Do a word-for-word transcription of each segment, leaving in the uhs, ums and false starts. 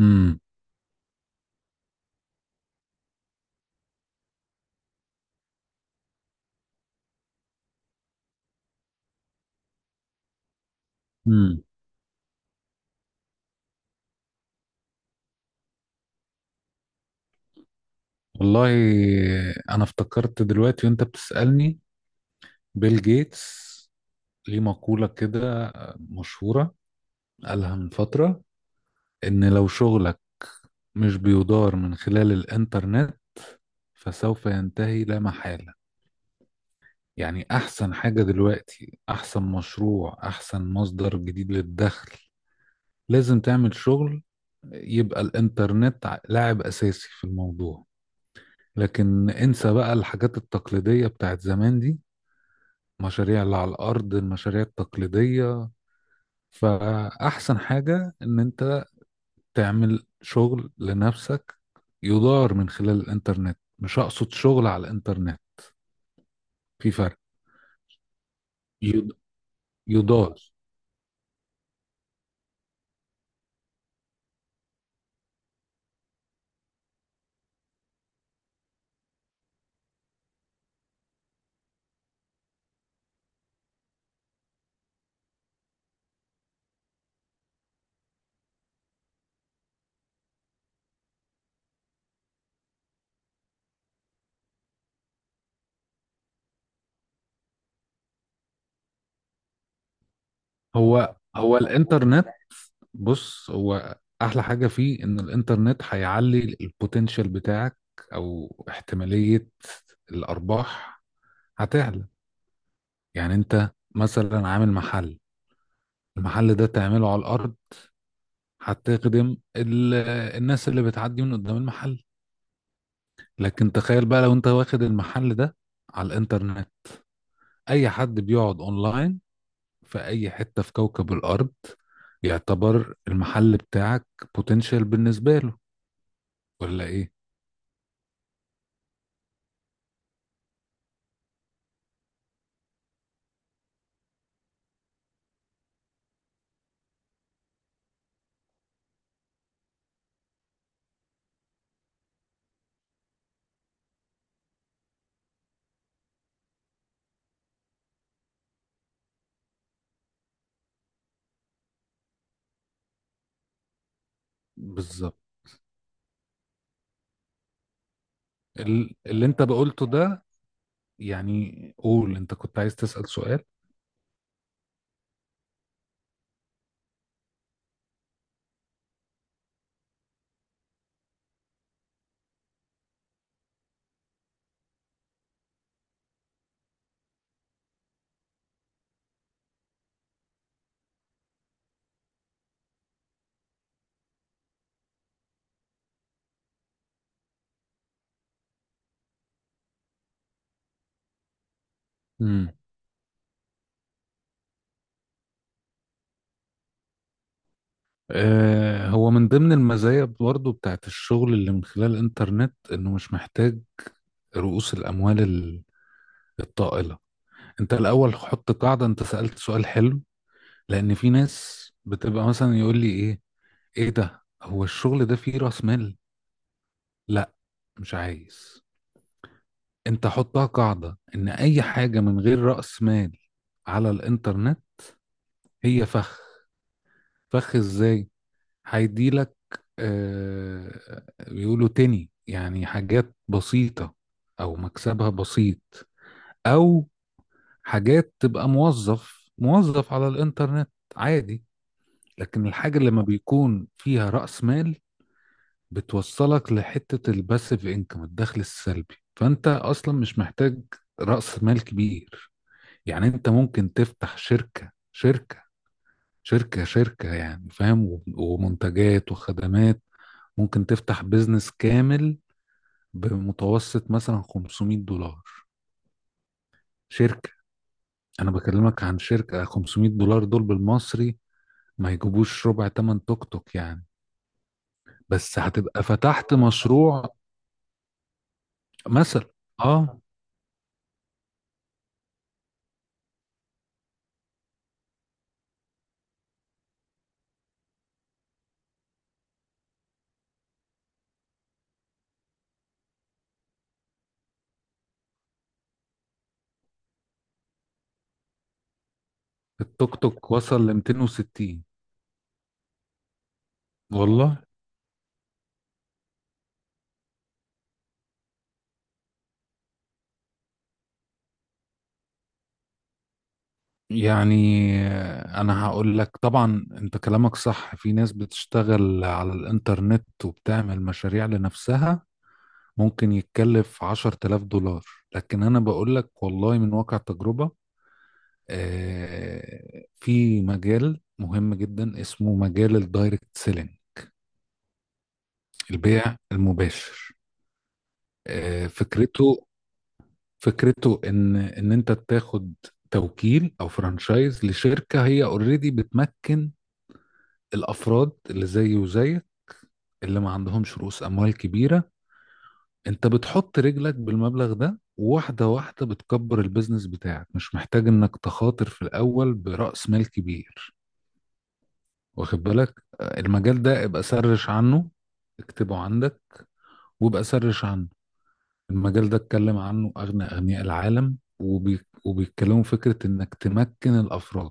امم امم والله، انا افتكرت دلوقتي وانت بتسألني بيل جيتس ليه مقولة كده مشهورة قالها من فترة ان لو شغلك مش بيدار من خلال الانترنت فسوف ينتهي لا محالة. يعني احسن حاجة دلوقتي، احسن مشروع، احسن مصدر جديد للدخل لازم تعمل شغل يبقى الانترنت ع- لاعب اساسي في الموضوع. لكن انسى بقى الحاجات التقليدية بتاعت زمان دي، مشاريع اللي على الأرض، المشاريع التقليدية. فأحسن حاجة إن أنت تعمل شغل لنفسك يدار من خلال الإنترنت، مش أقصد شغل على الإنترنت، في فرق. يد- يدار. هو هو الإنترنت. بص، هو أحلى حاجة فيه إن الإنترنت هيعلي البوتنشال بتاعك، أو احتمالية الأرباح هتعلى. يعني أنت مثلا عامل محل، المحل ده تعمله على الأرض هتخدم ال... الناس اللي بتعدي من قدام المحل. لكن تخيل بقى لو انت واخد المحل ده على الانترنت، اي حد بيقعد اونلاين في اي حتة في كوكب الارض يعتبر المحل بتاعك بوتنشال بالنسبة له، ولا ايه؟ بالظبط. ال- اللي انت بقولته ده، يعني قول، انت كنت عايز تسأل سؤال. امم آه، هو من ضمن المزايا برضه بتاعت الشغل اللي من خلال الانترنت انه مش محتاج رؤوس الاموال ال- الطائلة. انت الاول حط قاعده، انت سالت سؤال حلو، لان في ناس بتبقى مثلا يقول لي ايه، ايه ده؟ هو الشغل ده فيه راس مال؟ لا، مش عايز. انت حطها قاعده ان اي حاجه من غير راس مال على الانترنت هي فخ. فخ ازاي؟ هيديلك آه، بيقولوا تاني يعني حاجات بسيطه او مكسبها بسيط، او حاجات تبقى موظف موظف على الانترنت عادي. لكن الحاجة اللي ما بيكون فيها رأس مال بتوصلك لحتة الباسيف انكم، الدخل السلبي، فانت اصلا مش محتاج رأس مال كبير. يعني انت ممكن تفتح شركة شركة شركة شركة يعني، فاهم، و- ومنتجات وخدمات، ممكن تفتح بيزنس كامل بمتوسط مثلا خمسمائة دولار. شركة. انا بكلمك عن شركة خمسمائة دولار دول بالمصري ما يجيبوش ربع تمن توك توك يعني. بس هتبقى فتحت مشروع مثلا. اه التوك توك وصل ل ميتين وستين. والله يعني انا هقول لك، طبعا انت كلامك صح، في ناس بتشتغل على الانترنت وبتعمل مشاريع لنفسها ممكن يتكلف عشر تلاف دولار. لكن انا بقول لك والله من واقع تجربة، آه، في مجال مهم جدا اسمه مجال الدايركت سيلينج، البيع المباشر. آه، فكرته فكرته ان ان انت تاخد توكيل او فرانشايز لشركه هي اوريدي بتمكن الافراد اللي زيي وزيك، اللي ما عندهمش رؤوس اموال كبيره. انت بتحط رجلك بالمبلغ ده، واحده واحده بتكبر البيزنس بتاعك، مش محتاج انك تخاطر في الاول براس مال كبير، واخد بالك؟ آه، المجال ده ابقى سرش عنه، اكتبه عندك وابقى سرش عنه. المجال ده اتكلم عنه اغنى اغنياء العالم وبي... وبيتكلموا فكره انك تمكن الافراد.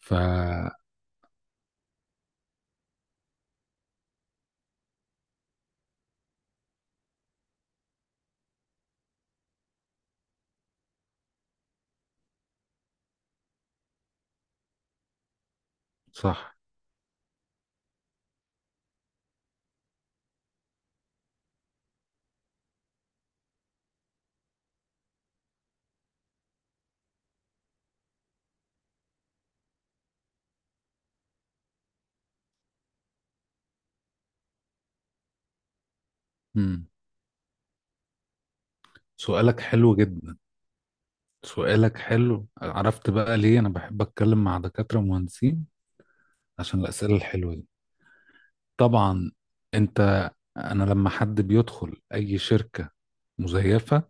ف صح. مم. سؤالك حلو جدا. سؤالك حلو، عرفت بقى ليه انا بحب اتكلم مع دكاترة مهندسين؟ عشان الأسئلة الحلوة دي. طبعا. انت انا لما حد بيدخل اي شركة مزيفة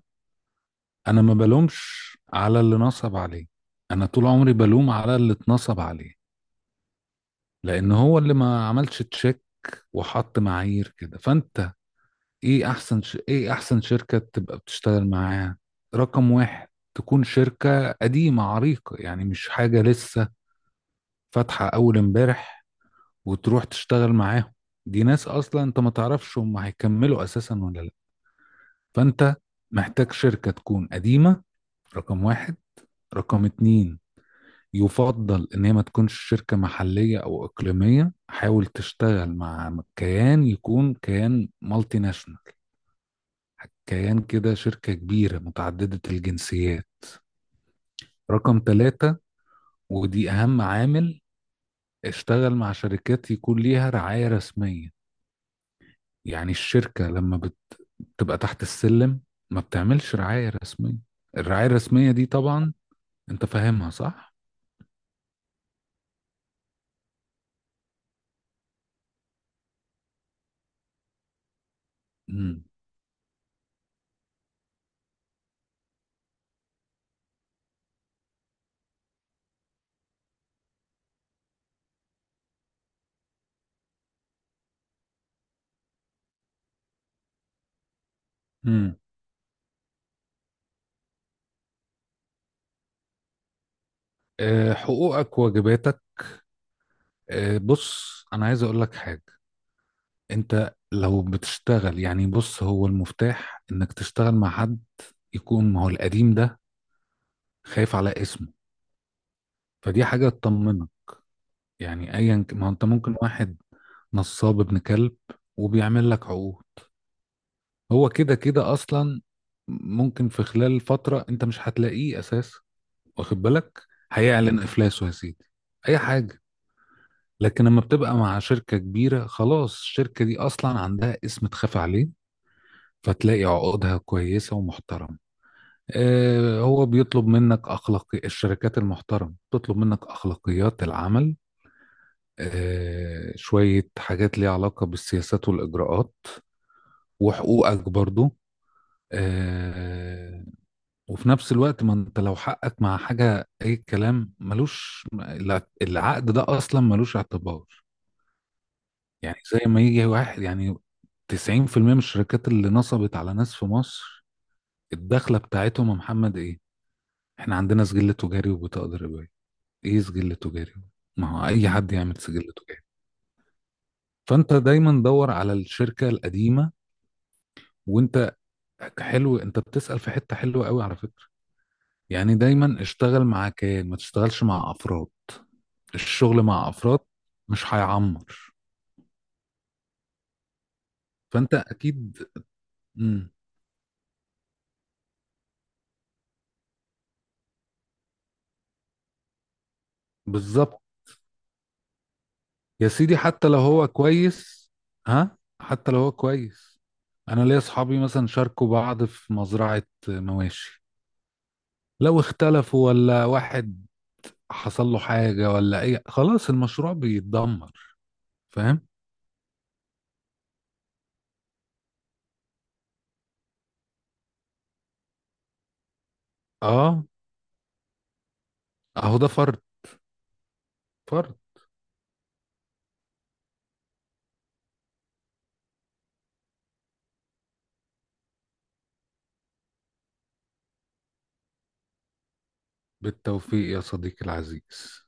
انا ما بلومش على اللي نصب عليه، انا طول عمري بلوم على اللي اتنصب عليه، لان هو اللي ما عملش تشيك وحط معايير كده. فانت ايه احسن ش... ايه احسن شركة تبقى بتشتغل معاها؟ رقم واحد، تكون شركة قديمة عريقة، يعني مش حاجة لسه فاتحة اول امبارح وتروح تشتغل معاهم، دي ناس اصلا انت ما تعرفش هم هيكملوا اساسا ولا لا. فانت محتاج شركة تكون قديمة، رقم واحد. رقم اتنين، يفضل ان هي ما تكونش شركة محلية او اقليمية، حاول تشتغل مع كيان يكون كيان مالتي ناشونال، كيان كده شركة كبيرة متعددة الجنسيات. رقم ثلاثة، ودي أهم عامل، اشتغل مع شركات يكون ليها رعاية رسمية. يعني الشركة لما بت- بتبقى تحت السلم ما بتعملش رعاية رسمية. الرعاية الرسمية دي طبعا انت فاهمها صح؟ مم. مم. أه، حقوقك واجباتك. أه، بص، أنا عايز أقول لك حاجة. انت لو بتشتغل، يعني بص، هو المفتاح انك تشتغل مع حد يكون ما هو القديم ده خايف على اسمه، فدي حاجة تطمنك. يعني أيا ك- ما هو أنت ممكن واحد نصاب ابن كلب وبيعمل لك عقود، هو كده كده أصلا ممكن في خلال فترة أنت مش هتلاقيه أساس، واخد بالك؟ هيعلن إفلاسه يا سيدي أي حاجة. لكن لما بتبقى مع شركة كبيرة خلاص، الشركة دي أصلا عندها اسم تخاف عليه، فتلاقي عقودها كويسة ومحترمة. آه، هو بيطلب منك أخلاقي، الشركات المحترمة بتطلب منك أخلاقيات العمل، آه، شوية حاجات ليها علاقة بالسياسات والإجراءات وحقوقك برضو. آه، وفي نفس الوقت ما انت لو حقك مع حاجة أي كلام، ملوش الع- العقد ده أصلا ملوش اعتبار. يعني زي ما يجي واحد، يعني تسعين في المية من الشركات اللي نصبت على ناس في مصر الدخلة بتاعتهم يا محمد إيه؟ إحنا عندنا سجل تجاري وبطاقة ضريبية. إيه سجل تجاري؟ ما هو أي حد يعمل سجل تجاري. فأنت دايما دور على الشركة القديمة، وانت حلو، انت بتسأل في حتة حلوة قوي على فكرة. يعني دايما اشتغل مع كيان ما تشتغلش مع افراد، الشغل مع افراد مش هيعمر. فانت اكيد. مم. بالظبط. يا سيدي حتى لو هو كويس، ها، حتى لو هو كويس، انا ليا اصحابي مثلا شاركوا بعض في مزرعة مواشي، لو اختلفوا ولا واحد حصل له حاجة ولا اي، خلاص المشروع بيتدمر، فاهم؟ اه، اهو ده فرد، فرد. بالتوفيق يا صديقي العزيز.